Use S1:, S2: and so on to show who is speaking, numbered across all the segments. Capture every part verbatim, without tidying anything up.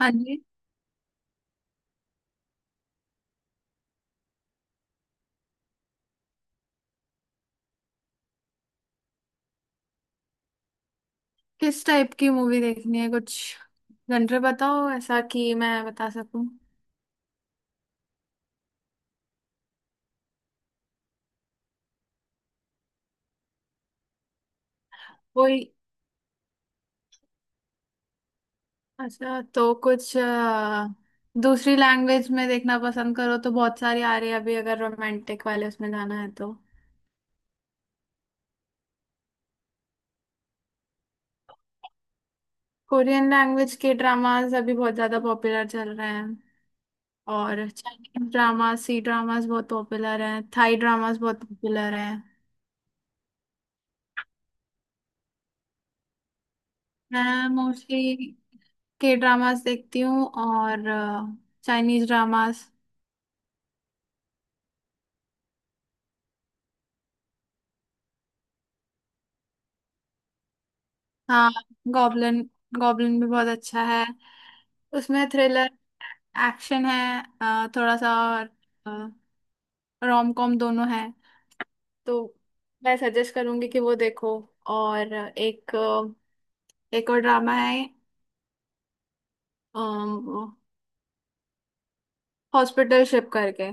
S1: हाँ जी। किस टाइप की मूवी देखनी है कुछ? जनरे बताओ ऐसा कि मैं बता सकूं। कोई अच्छा, तो कुछ अ, दूसरी लैंग्वेज में देखना पसंद करो तो बहुत सारी आ रही है अभी, अगर रोमांटिक वाले उसमें जाना है तो कोरियन लैंग्वेज के ड्रामास अभी बहुत ज़्यादा पॉपुलर चल रहे हैं। और चाइनीज ड्रामा सी ड्रामास बहुत पॉपुलर हैं, थाई ड्रामास बहुत पॉपुलर हैं। मैं मोस्टली के ड्रामास देखती हूँ और चाइनीज ड्रामास। हाँ, गॉब्लिन, गॉब्लिन भी बहुत अच्छा है। उसमें थ्रिलर एक्शन है, अ, थोड़ा सा, और रोम कॉम दोनों है। तो मैं सजेस्ट करूंगी कि वो देखो। और एक अ, एक और ड्रामा है, हॉस्पिटल शिप करके।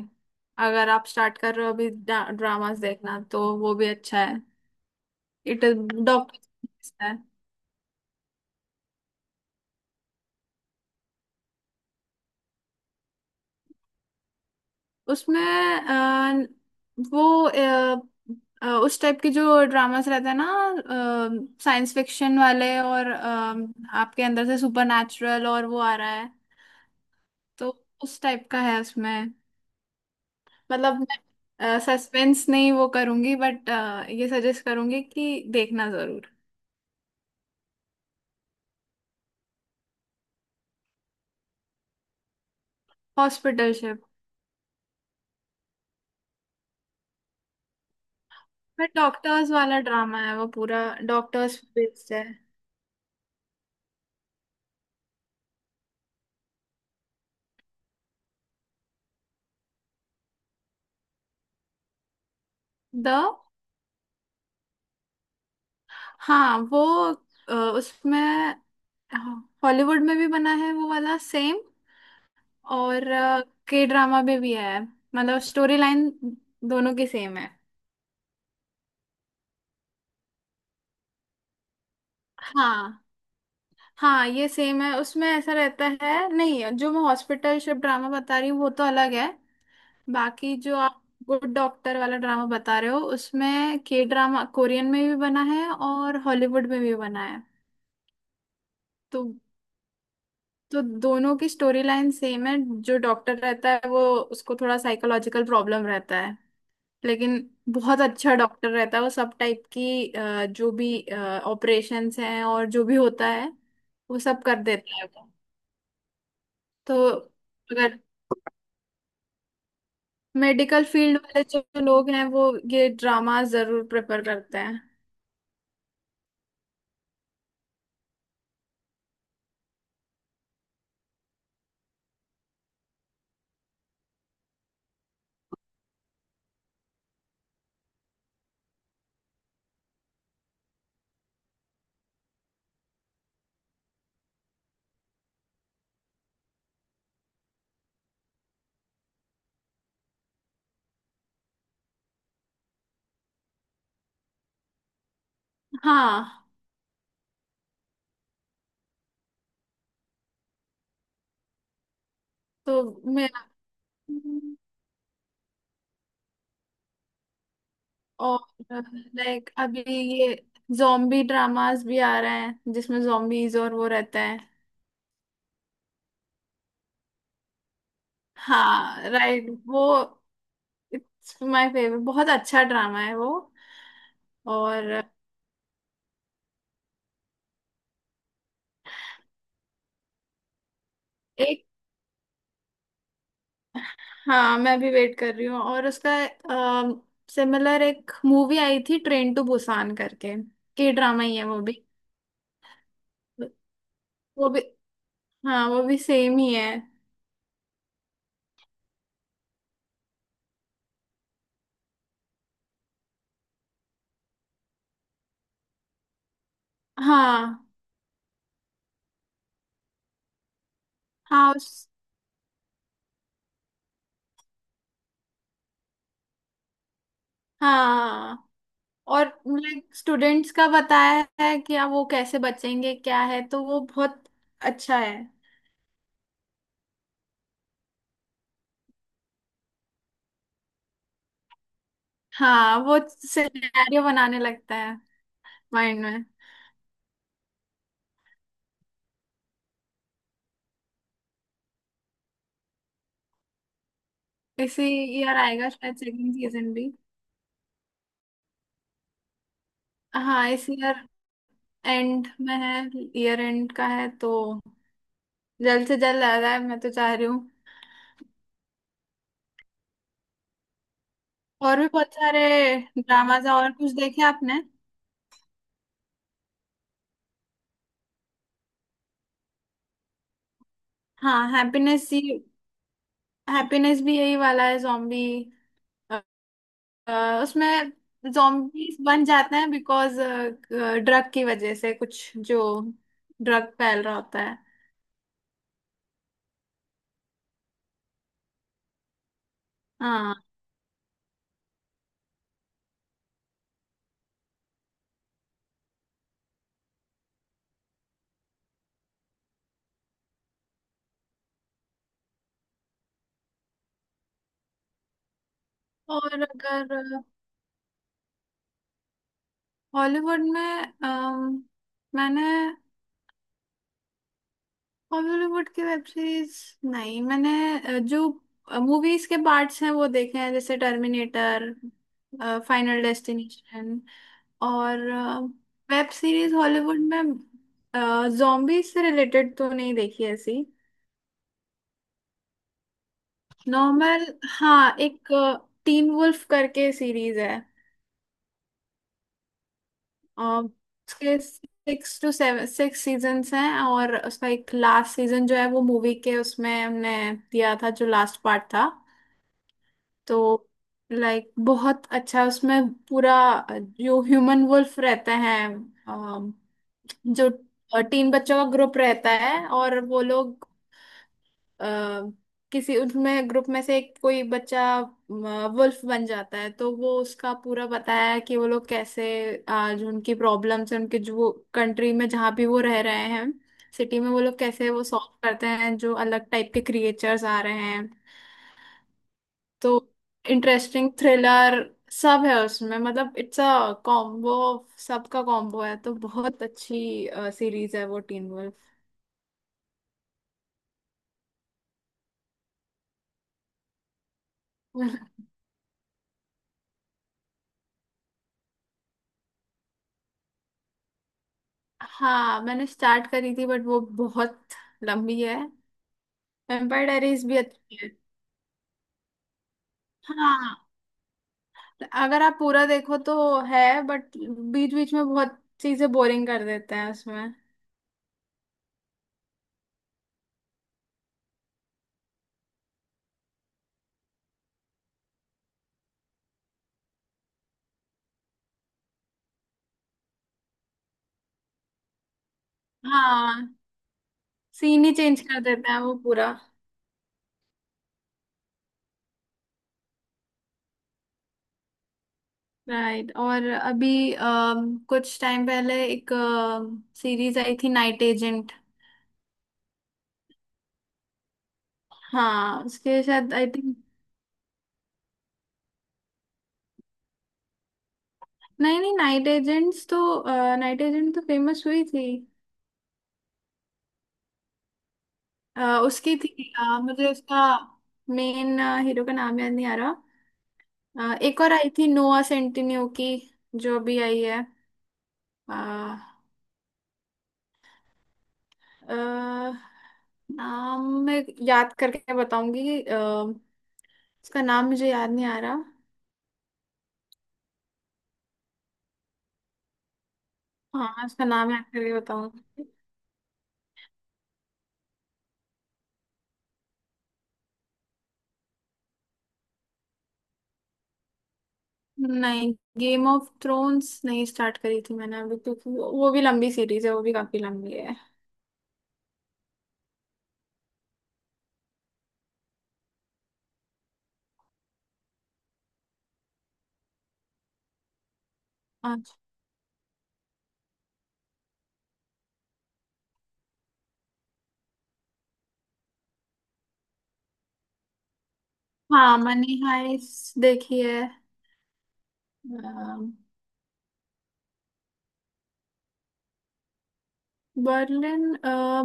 S1: अगर आप स्टार्ट कर रहे हो अभी ड्रामास देखना तो वो भी अच्छा है। It is doctor. उसमें अ, वो अ, अ, उस टाइप के जो ड्रामास रहते हैं ना, साइंस फिक्शन वाले, और अ, आपके अंदर से सुपर नेचुरल और वो आ रहा है। तो उस टाइप का है उसमें। मतलब मैं सस्पेंस नहीं वो करूंगी, बट ये सजेस्ट करूंगी कि देखना जरूर। हॉस्पिटलशिप पर डॉक्टर्स वाला ड्रामा है, वो पूरा डॉक्टर्स बेस्ड है। द हाँ, वो अ, उसमें हाँ, हॉलीवुड में भी बना है वो वाला सेम। और के ड्रामा में भी है, मतलब स्टोरी लाइन दोनों की सेम है। हाँ, हाँ ये सेम है। उसमें ऐसा रहता है नहीं, जो मैं हॉस्पिटल शिप ड्रामा बता रही हूँ वो तो अलग है। बाकी जो आप गुड डॉक्टर वाला ड्रामा बता रहे हो, उसमें के ड्रामा कोरियन में भी बना है और हॉलीवुड में भी बना है। तो तो दोनों की स्टोरी लाइन सेम है। जो डॉक्टर रहता है वो, उसको थोड़ा साइकोलॉजिकल प्रॉब्लम रहता है। लेकिन बहुत अच्छा डॉक्टर रहता है वो, सब टाइप की अ, जो भी ऑपरेशंस हैं और जो भी होता है वो सब कर देता है वो। तो अगर मेडिकल फील्ड वाले जो लोग हैं, वो ये ड्रामा जरूर प्रेफर करते हैं। हाँ। तो मैं, और लाइक अभी ये जॉम्बी ड्रामास भी आ रहे हैं, जिसमें जॉम्बीज और वो रहते हैं। हाँ राइट, वो इट्स माय फेवरेट, बहुत अच्छा ड्रामा है वो। और एक, हाँ मैं भी वेट कर रही हूँ। और उसका सिमिलर एक मूवी आई थी, ट्रेन टू बुसान करके। के ड्रामा ही है वो भी। वो भी, हाँ वो भी सेम ही है। हाँ, हाँ, उस, हाँ, और लाइक स्टूडेंट्स का बताया है कि अब वो कैसे बचेंगे क्या है, तो वो बहुत अच्छा है। हाँ वो सिनेरियो बनाने लगता है माइंड में। इसी ईयर आएगा शायद सेकंड सीजन भी। हाँ, इस ईयर एंड में है, ईयर एंड का है, तो जल्द से जल्द आ रहा है, मैं तो चाह रही हूँ। और भी बहुत सारे ड्रामाज और कुछ देखे आपने? हाँ, हैप्पीनेस ही, हैप्पीनेस भी यही वाला है, जॉम्बी। उसमें जॉम्बीज बन जाते हैं बिकॉज ड्रग की वजह से, कुछ जो ड्रग फैल रहा होता है। हाँ। और अगर हॉलीवुड में, अम, मैंने हॉलीवुड की वेब सीरीज नहीं, मैंने अ, जो मूवीज के पार्ट्स हैं वो देखे हैं, जैसे टर्मिनेटर, फाइनल डेस्टिनेशन। और वेब सीरीज हॉलीवुड में जॉम्बी से रिलेटेड तो नहीं देखी ऐसी। नॉर्मल, हाँ एक टीन वुल्फ करके सीरीज है। और उसके six two seven, six seasons हैं और उसका एक लास्ट सीजन जो है वो मूवी के उसमें हमने दिया था, जो लास्ट पार्ट था। तो लाइक बहुत अच्छा उसमें पूरा, जो ह्यूमन वुल्फ रहते हैं। अम, जो तीन बच्चों का ग्रुप रहता है, और वो लोग अ, किसी, उसमें ग्रुप में से एक कोई बच्चा वुल्फ बन जाता है, तो वो उसका पूरा बताया है कि वो लोग कैसे आज उनकी प्रॉब्लम्स है, उनके जो कंट्री में जहाँ भी वो रह रहे हैं, सिटी में, वो लोग कैसे वो सॉल्व करते हैं जो अलग टाइप के क्रिएचर्स आ रहे हैं। तो इंटरेस्टिंग थ्रिलर सब है उसमें, मतलब इट्स अ कॉम्बो, सबका कॉम्बो है, तो बहुत अच्छी सीरीज है वो टीन वुल्फ। हाँ मैंने स्टार्ट करी थी बट वो बहुत लंबी है। वेम्पायर डायरीज भी अच्छी है। हाँ अगर आप पूरा देखो तो है, बट बीच बीच में बहुत चीजें बोरिंग कर देते हैं उसमें। हाँ, सीन ही चेंज कर देते हैं वो पूरा। राइट, और अभी अम, कुछ टाइम पहले एक सीरीज आई थी, नाइट एजेंट। हाँ उसके शायद आई थिंक। नहीं, नहीं, नाइट एजेंट्स तो, नाइट एजेंट तो फेमस हुई थी। अ, उसकी थी, अ, मुझे उसका मेन हीरो का नाम याद नहीं आ रहा। अ, एक और आई थी, नोआ सेंटिन्यू की जो भी आई है। अ, अ, नाम मैं याद करके बताऊंगी, अ, उसका नाम मुझे याद नहीं आ रहा। हाँ, उसका नाम याद करके बताऊंगी। नहीं, गेम ऑफ थ्रोन्स नहीं स्टार्ट करी थी मैंने अभी, क्योंकि वो वो भी लंबी सीरीज है, वो भी काफी लंबी है। अच्छा। हाँ मनी हाइस्ट देखी है। बर्लिन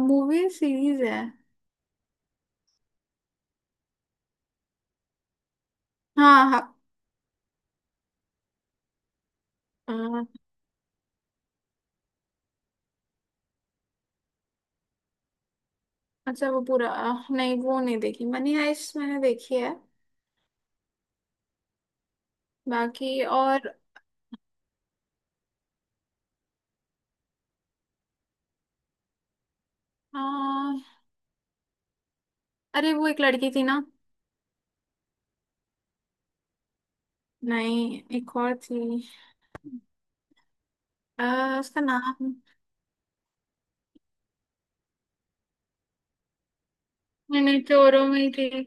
S1: मूवी सीरीज है। हाँ, हाँ, अ, अच्छा वो पूरा अ, नहीं वो नहीं देखी, मनी हाइस्ट मैंने देखी है। बाकी और अ, अरे वो एक लड़की थी ना। नहीं एक और थी, अ, उसका नाम। नहीं, नहीं, चोरों में ही थी,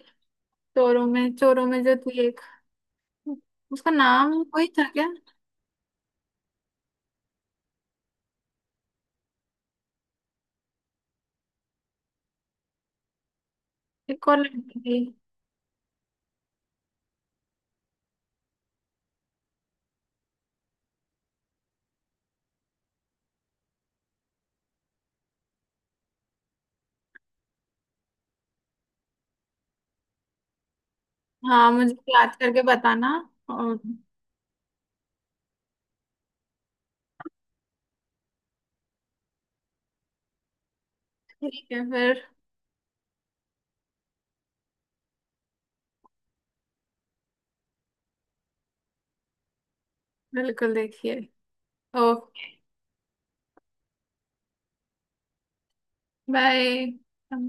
S1: चोरों में, चोरों में जो थी एक, उसका नाम वही था क्या? एक और लड़की थी। हाँ मुझे याद करके बताना। और ठीक है फिर। बिल्कुल देखिए। ओके। बाय।